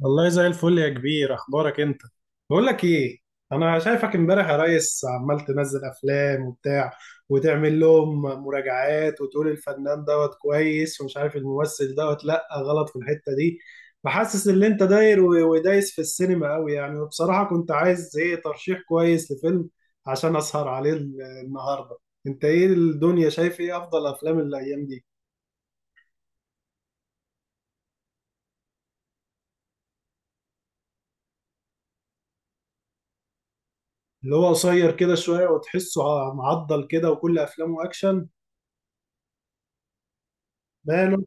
والله زي الفل يا كبير، اخبارك انت؟ بقول لك ايه، انا شايفك امبارح يا ريس عمال تنزل افلام وبتاع وتعمل لهم مراجعات وتقول الفنان دوت كويس، ومش عارف الممثل دوت لا غلط في الحتة دي. فحاسس ان انت داير و- ودايس في السينما قوي يعني، وبصراحة كنت عايز ايه، ترشيح كويس لفيلم عشان اسهر عليه النهاردة. انت ايه الدنيا، شايف ايه افضل افلام الايام دي؟ اللي هو قصير كده شوية وتحسه معضل كده وكل افلامه اكشن. مان.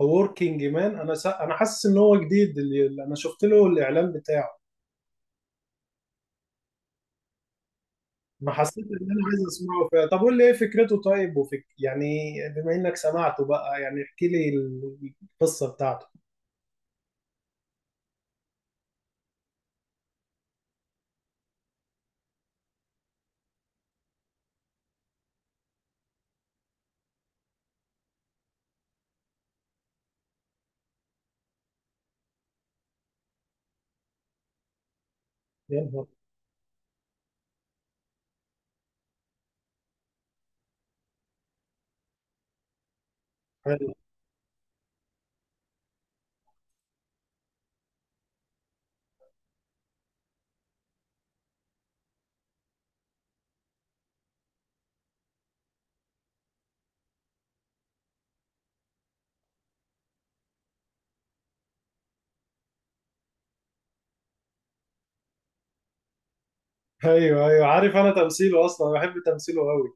وركينج مان، انا حاسس ان هو جديد، اللي انا شفت له الاعلان بتاعه، ما حسيت ان انا عايز اسمعه فيها. طب قول لي ايه فكرته طيب، يعني بما انك سمعته بقى، يعني احكي لي القصه بتاعته. يا نهار! حلو. ايوه ايوه عارف، انا تمثيله اصلا بحب تمثيله قوي.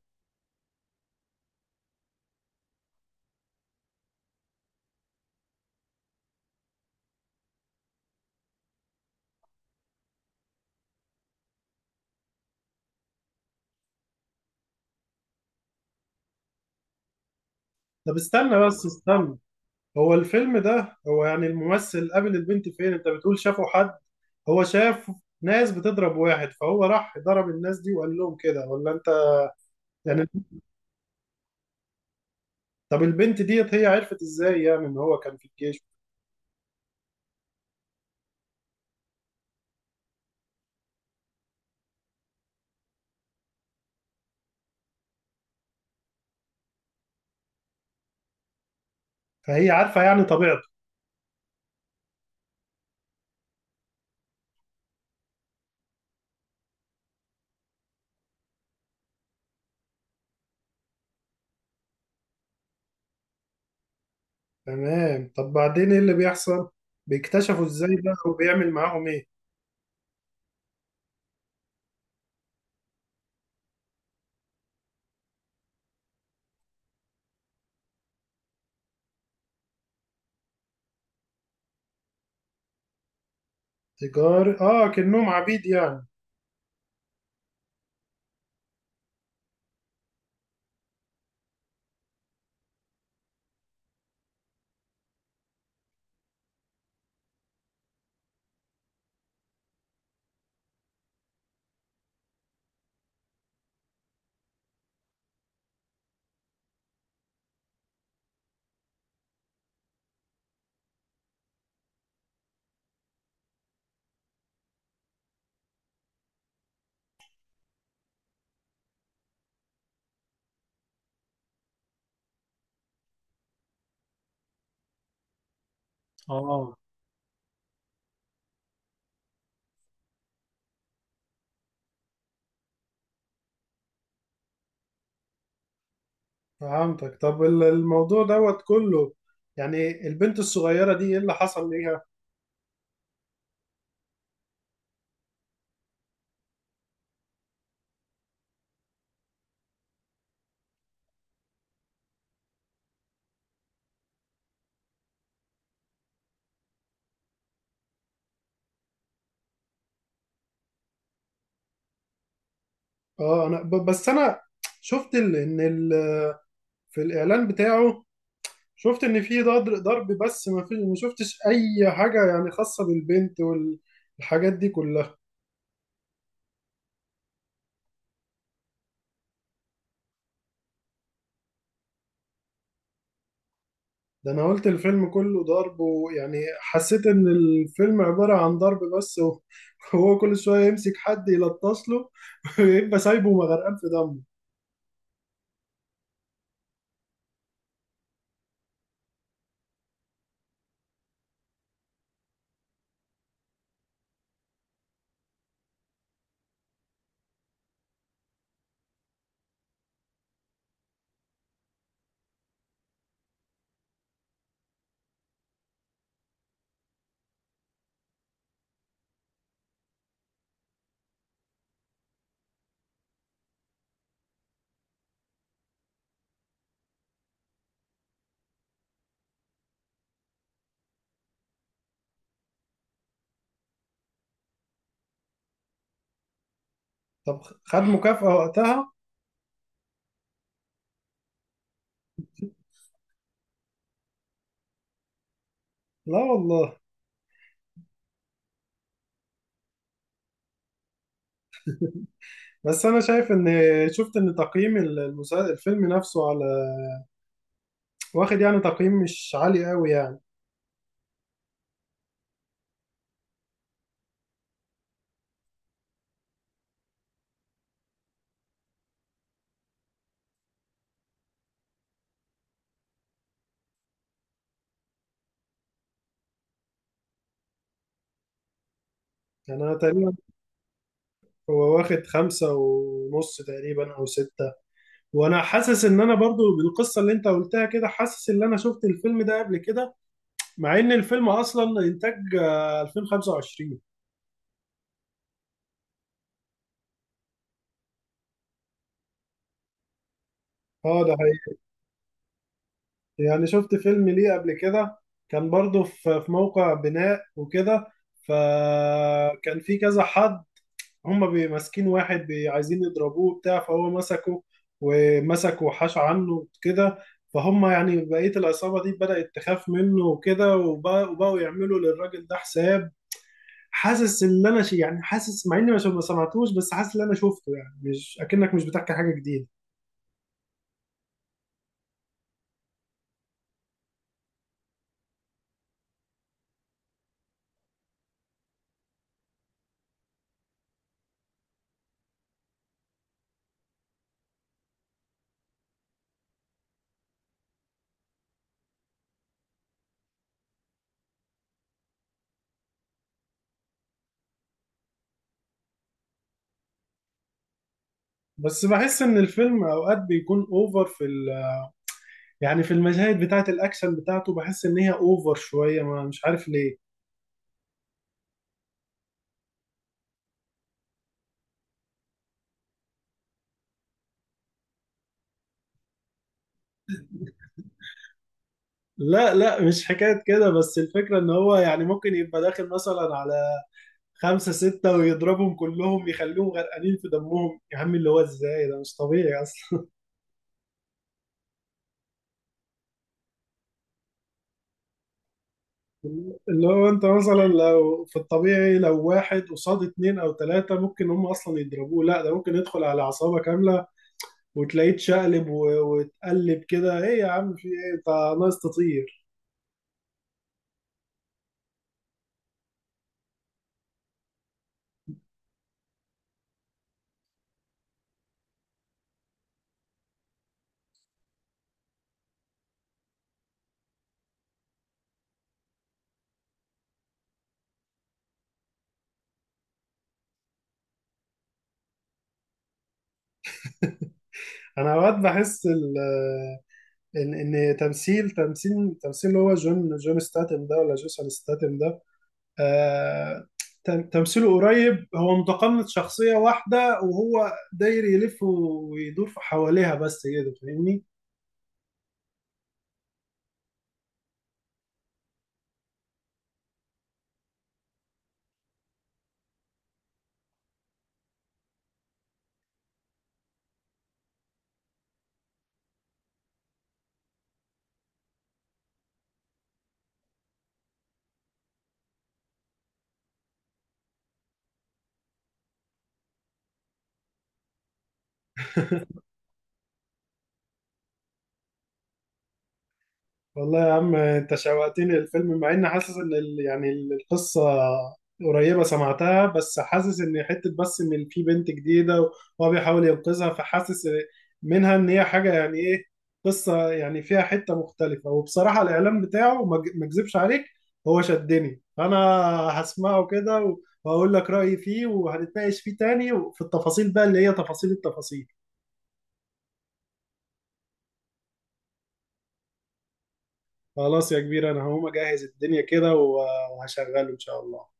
طب استنى بس استنى، هو الفيلم ده هو يعني الممثل قابل البنت فين؟ انت بتقول شافه حد. هو شاف ناس بتضرب واحد فهو راح ضرب الناس دي وقال لهم كده ولا انت يعني؟ طب البنت ديت هي عرفت ازاي يعني ان هو كان في الجيش؟ فهي عارفة يعني طبيعته. تمام، طب بعدين ايه اللي بيحصل؟ بيكتشفوا ازاي بقى وبيعمل معاهم ايه؟ تجار، اه، كأنهم عبيد يعني. اه فهمتك، طب الموضوع دوت كله، يعني البنت الصغيرة دي ايه اللي حصل ليها؟ اه، انا بس انا شفت في الاعلان بتاعه، شفت ان في ضرب ضرب بس، ما شفتش اي حاجة يعني خاصة بالبنت والحاجات دي كلها. ده انا قلت الفيلم كله ضرب ويعني حسيت ان الفيلم عبارة عن ضرب بس، وهو كل شوية يمسك حد يلطش له ويبقى سايبه مغرقان في دمه. طب خد مكافأة وقتها؟ لا والله. بس انا شايف ان، شفت ان تقييم الفيلم نفسه على، واخد يعني تقييم مش عالي قوي يعني. يعني انا تقريبا، هو واخد خمسة ونص تقريبا او ستة، وانا حاسس ان انا برضو بالقصة اللي انت قلتها كده، حاسس ان انا شفت الفيلم ده قبل كده، مع ان الفيلم اصلا انتاج 2025. اه ده حقيقي. يعني شفت فيلم ليه قبل كده، كان برضه في موقع بناء وكده، فكان في كذا حد. هما ماسكين واحد، عايزين يضربوه بتاع، فهو مسكه ومسكه وحاش عنه كده. فهم يعني بقية العصابة دي بدأت تخاف منه وكده، وبقوا يعملوا للراجل ده حساب. حاسس ان انا شي يعني، حاسس مع اني ما سمعتوش بس حاسس ان انا شفته، يعني مش اكنك مش بتحكي حاجة جديدة. بس بحس ان الفيلم اوقات بيكون اوفر في يعني في المشاهد بتاعه الاكشن بتاعته، بحس ان هي اوفر شويه ما، مش عارف ليه. لا لا، مش حكايه كده، بس الفكره ان هو يعني ممكن يبقى داخل مثلا على خمسة ستة ويضربهم كلهم، يخليهم غرقانين في دمهم يا عم، اللي هو ازاي؟ ده مش طبيعي اصلا. اللي هو انت مثلا لو في الطبيعي، لو واحد قصاد اتنين او تلاتة ممكن هم اصلا يضربوه، لا ده ممكن يدخل على عصابة كاملة وتلاقيه اتشقلب واتقلب كده، ايه يا عم، في ايه انت؟ ناقص تطير. انا اوقات بحس ان تمثيل اللي هو جون ستاتم ده ولا جيسون ستاتم ده، آه، تمثيله قريب، هو متقمص شخصية واحدة وهو داير يلف ويدور في حواليها بس كده، فاهمني؟ والله يا عم انت شوقتني للفيلم، مع اني حاسس ان يعني القصه قريبه سمعتها، بس حاسس ان حته بس ان في بنت جديده وهو بيحاول ينقذها، فحاسس منها ان هي حاجه يعني ايه، قصه يعني فيها حته مختلفه. وبصراحه الاعلان بتاعه، ما اكذبش عليك، هو شدني، فانا هسمعه كده وهقول لك رايي فيه، وهنتناقش فيه تاني وفي التفاصيل بقى اللي هي تفاصيل التفاصيل. خلاص يا كبير، انا هقوم اجهز الدنيا كده وهشغله ان شاء الله.